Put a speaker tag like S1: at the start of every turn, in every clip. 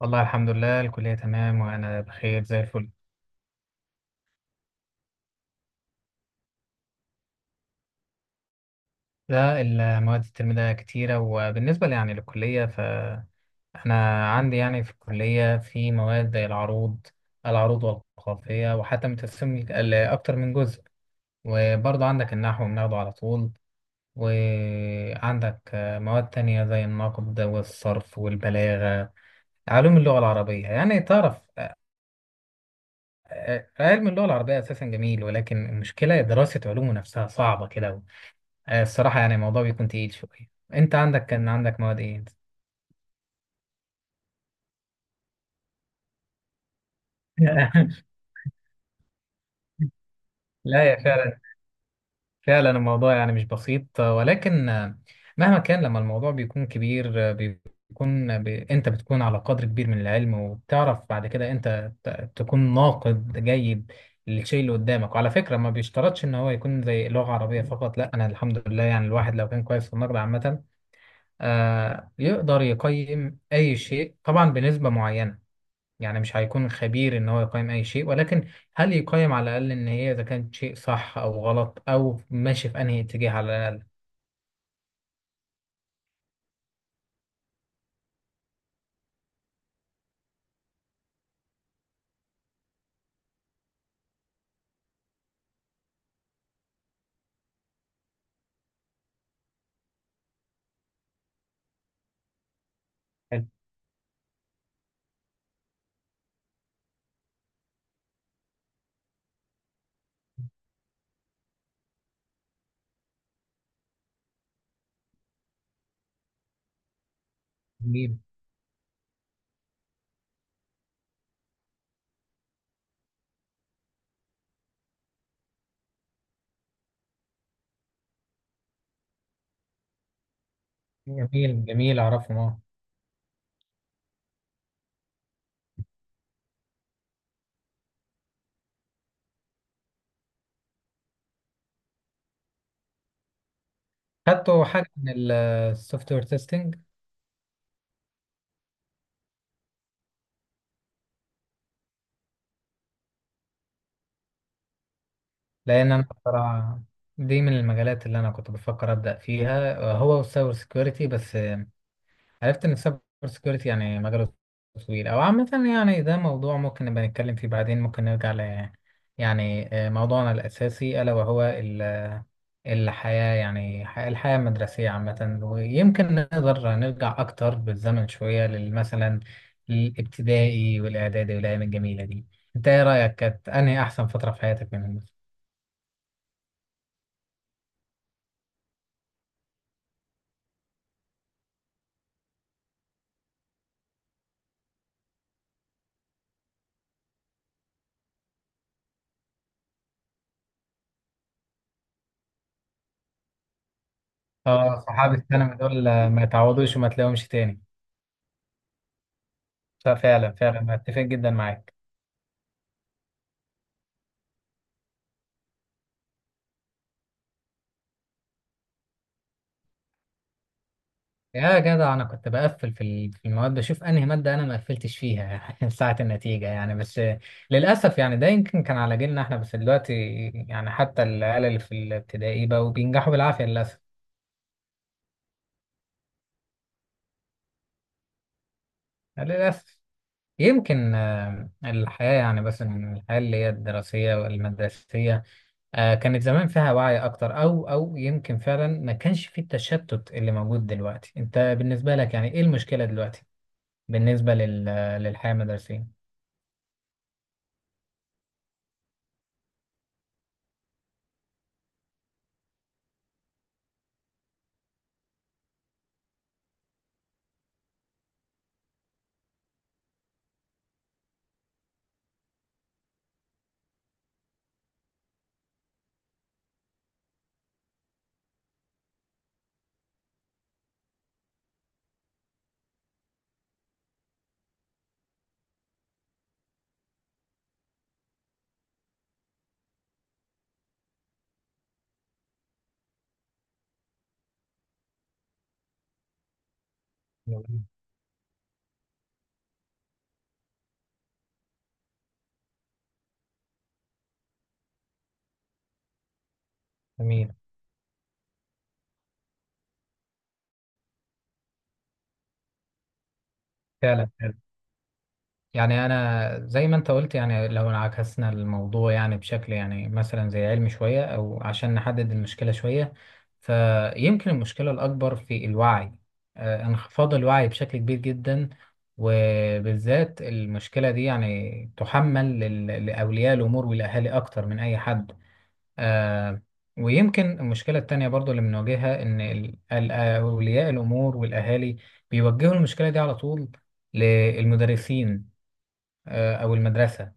S1: والله الحمد لله، الكلية تمام وأنا بخير زي الفل. لا، المواد الترم ده كتيرة، وبالنسبة لي يعني للكلية، فأنا عندي يعني في الكلية في مواد زي العروض والجغرافية، وحتى متقسم لأكتر من جزء. وبرضه عندك النحو بناخده على طول. وعندك مواد تانية زي النقد والصرف والبلاغة. علوم اللغة العربية، يعني تعرف، علم اللغة العربية أساسا جميل، ولكن المشكلة دراسة علومه نفسها صعبة كده. الصراحة يعني الموضوع بيكون تقيل شوية. انت عندك كان عندك مواد ايه انت؟ لا يا فعلا، فعلا الموضوع يعني مش بسيط، ولكن مهما كان لما الموضوع بيكون كبير، انت بتكون على قدر كبير من العلم، وبتعرف بعد كده انت تكون ناقد جيد للشيء اللي قدامك. وعلى فكرة ما بيشترطش ان هو يكون زي لغة عربية فقط، لا، انا الحمد لله يعني الواحد لو كان كويس في النقد عامة، يقدر يقيم اي شيء طبعا بنسبة معينة. يعني مش هيكون خبير ان هو يقيم اي شيء، ولكن هل يقيم على الاقل ان هي اذا كانت شيء صح او غلط، او ماشي في انهي اتجاه على الاقل. حلو. جميل جميل جميل، اعرفهم، اه. خدتوا حاجه من السوفت وير تيستنج؟ لان انا بصراحه دي من المجالات اللي انا كنت بفكر ابدا فيها، هو السايبر سكيورتي، بس عرفت ان السايبر سكيورتي يعني مجاله طويل، او عامه يعني ده موضوع ممكن نبقى نتكلم فيه بعدين. ممكن نرجع ل يعني، موضوعنا الاساسي الا وهو الحياة، يعني الحياة المدرسية عامة. ويمكن نقدر نرجع أكتر بالزمن شوية مثلا الابتدائي والإعدادي والأيام الجميلة دي. أنت إيه رأيك، كانت أنهي أحسن فترة في حياتك منهم؟ آه صحاب الثانوي دول ما يتعوضوش وما تلاقيهمش تاني. ففعلا فعلا بتفق جدا معاك. يا جدع انا كنت بقفل في في المواد، بشوف انهي ماده انا ما قفلتش فيها ساعه النتيجه يعني. بس للاسف يعني ده يمكن كان على جيلنا احنا، بس دلوقتي يعني حتى العيال اللي في الابتدائي بقوا بينجحوا بالعافيه للاسف. للاسف. يمكن الحياه يعني، بس إن الحياه اللي هي الدراسيه والمدرسيه، كانت زمان فيها وعي اكتر، او يمكن فعلا ما كانش في التشتت اللي موجود دلوقتي. انت بالنسبه لك يعني ايه المشكله دلوقتي بالنسبه للحياه المدرسيه؟ جميل. فعلا فعلا، يعني انا زي ما انت قلت، يعني لو عكسنا الموضوع يعني بشكل يعني مثلا زي علمي شويه، او عشان نحدد المشكله شويه، فيمكن المشكله الاكبر في الوعي، انخفاض الوعي بشكل كبير جدا. وبالذات المشكله دي يعني تحمل لاولياء الامور والاهالي اكتر من اي حد. آه. ويمكن المشكلة التانية برضو اللي بنواجهها إن أولياء الأمور والأهالي بيوجهوا المشكلة دي على طول للمدرسين، آه، أو المدرسة.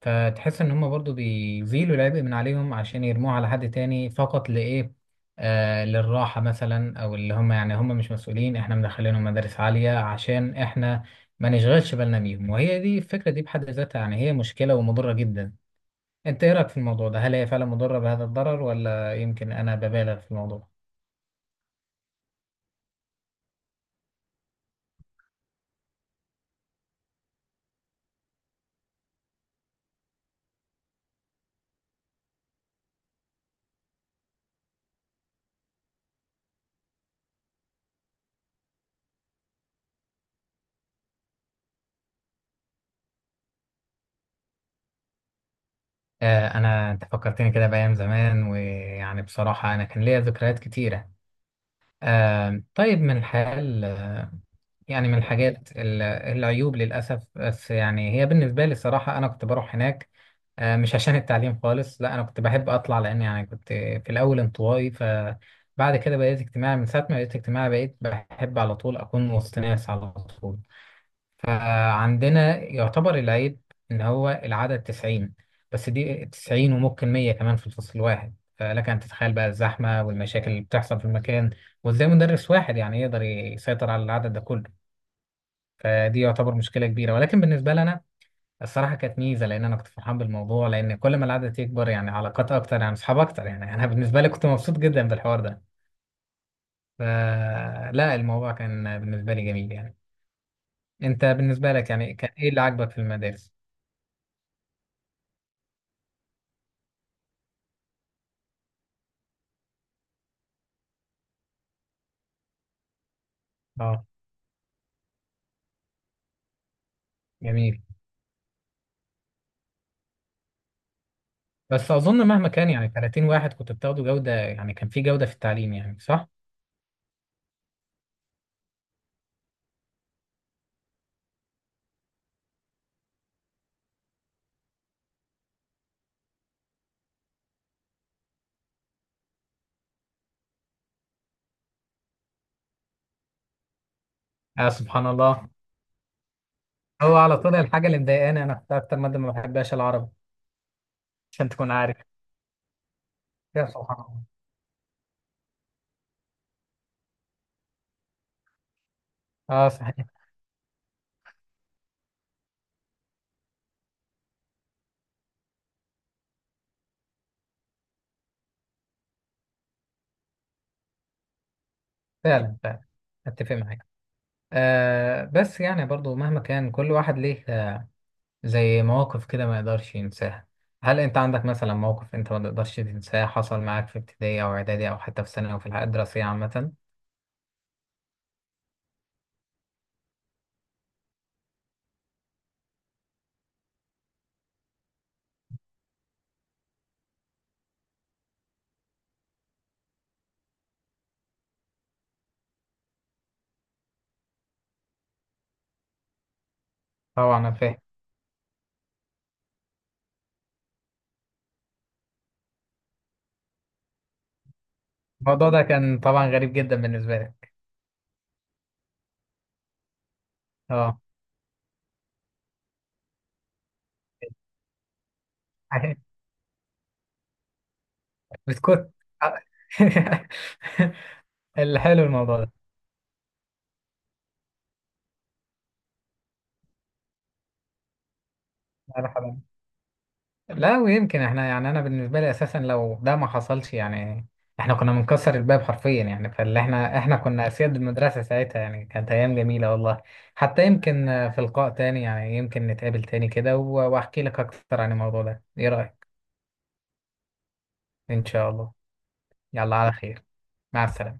S1: فتحس إن هما برضو بيزيلوا العبء من عليهم عشان يرموه على حد تاني، فقط لإيه؟ آه، للراحة مثلا، أو اللي هما يعني هما مش مسؤولين، إحنا مدخلينهم مدارس عالية عشان إحنا ما نشغلش بالنا بيهم. وهي دي الفكرة دي بحد ذاتها، يعني هي مشكلة ومضرة جدا. انت ايه رايك في الموضوع ده؟ هل هي فعلا مضره بهذا الضرر، ولا يمكن انا ببالغ في الموضوع؟ انا انت فكرتني كده بايام زمان، ويعني بصراحه انا كان ليا ذكريات كتيره. طيب من الحال، يعني من الحاجات العيوب للاسف، بس يعني هي بالنسبه لي الصراحه انا كنت بروح هناك مش عشان التعليم خالص، لا، انا كنت بحب اطلع، لان يعني كنت في الاول انطوائي. فبعد كده بقيت اجتماعي، من ساعه ما بقيت اجتماعي بقيت بحب على طول اكون وسط ناس على طول. فعندنا يعتبر العيب إن هو العدد 90، بس دي 90 وممكن 100 كمان في الفصل الواحد. فلك أن تتخيل بقى الزحمة والمشاكل اللي بتحصل في المكان، وإزاي مدرس واحد يعني يقدر يسيطر على العدد ده كله. فدي يعتبر مشكلة كبيرة، ولكن بالنسبة لنا الصراحة كانت ميزة، لأن أنا كنت فرحان بالموضوع، لأن كل ما العدد يكبر يعني علاقات أكتر، يعني أصحاب أكتر، يعني أنا بالنسبة لي كنت مبسوط جدا بالحوار ده. فلا الموضوع كان بالنسبة لي جميل يعني. أنت بالنسبة لك يعني كان إيه اللي عاجبك في المدارس؟ جميل. بس اظن مهما كان يعني 30 واحد كنت بتاخدوا جوده، يعني كان في جوده في التعليم يعني، صح؟ اه سبحان الله. هو على طول الحاجه اللي مضايقاني انا كنت اكتر ماده ما بحبهاش العربي، عشان تكون عارف. يا سبحان الله. اه صحيح. فعلا فعلا اتفق معاك. آه، بس يعني برضو مهما كان كل واحد ليه آه زي مواقف كده ما يقدرش ينساها. هل انت عندك مثلا موقف انت ما تقدرش تنساه حصل معاك في ابتدائي او اعدادي او حتى في ثانوي، او في الحياه الدراسيه عامه؟ طبعا انا فاهم. الموضوع ده كان طبعا غريب جدا بالنسبه لي. اه. بتكون. الحلو الموضوع ده. مرحبا. لا، ويمكن احنا يعني انا بالنسبه لي اساسا لو ده ما حصلش يعني احنا كنا بنكسر الباب حرفيا يعني، فاللي احنا كنا اسياد المدرسه ساعتها يعني. كانت ايام جميله والله. حتى يمكن في لقاء تاني، يعني يمكن نتقابل تاني كده واحكي لك اكتر عن الموضوع ده، ايه رايك؟ ان شاء الله. يلا على خير. مع السلامه.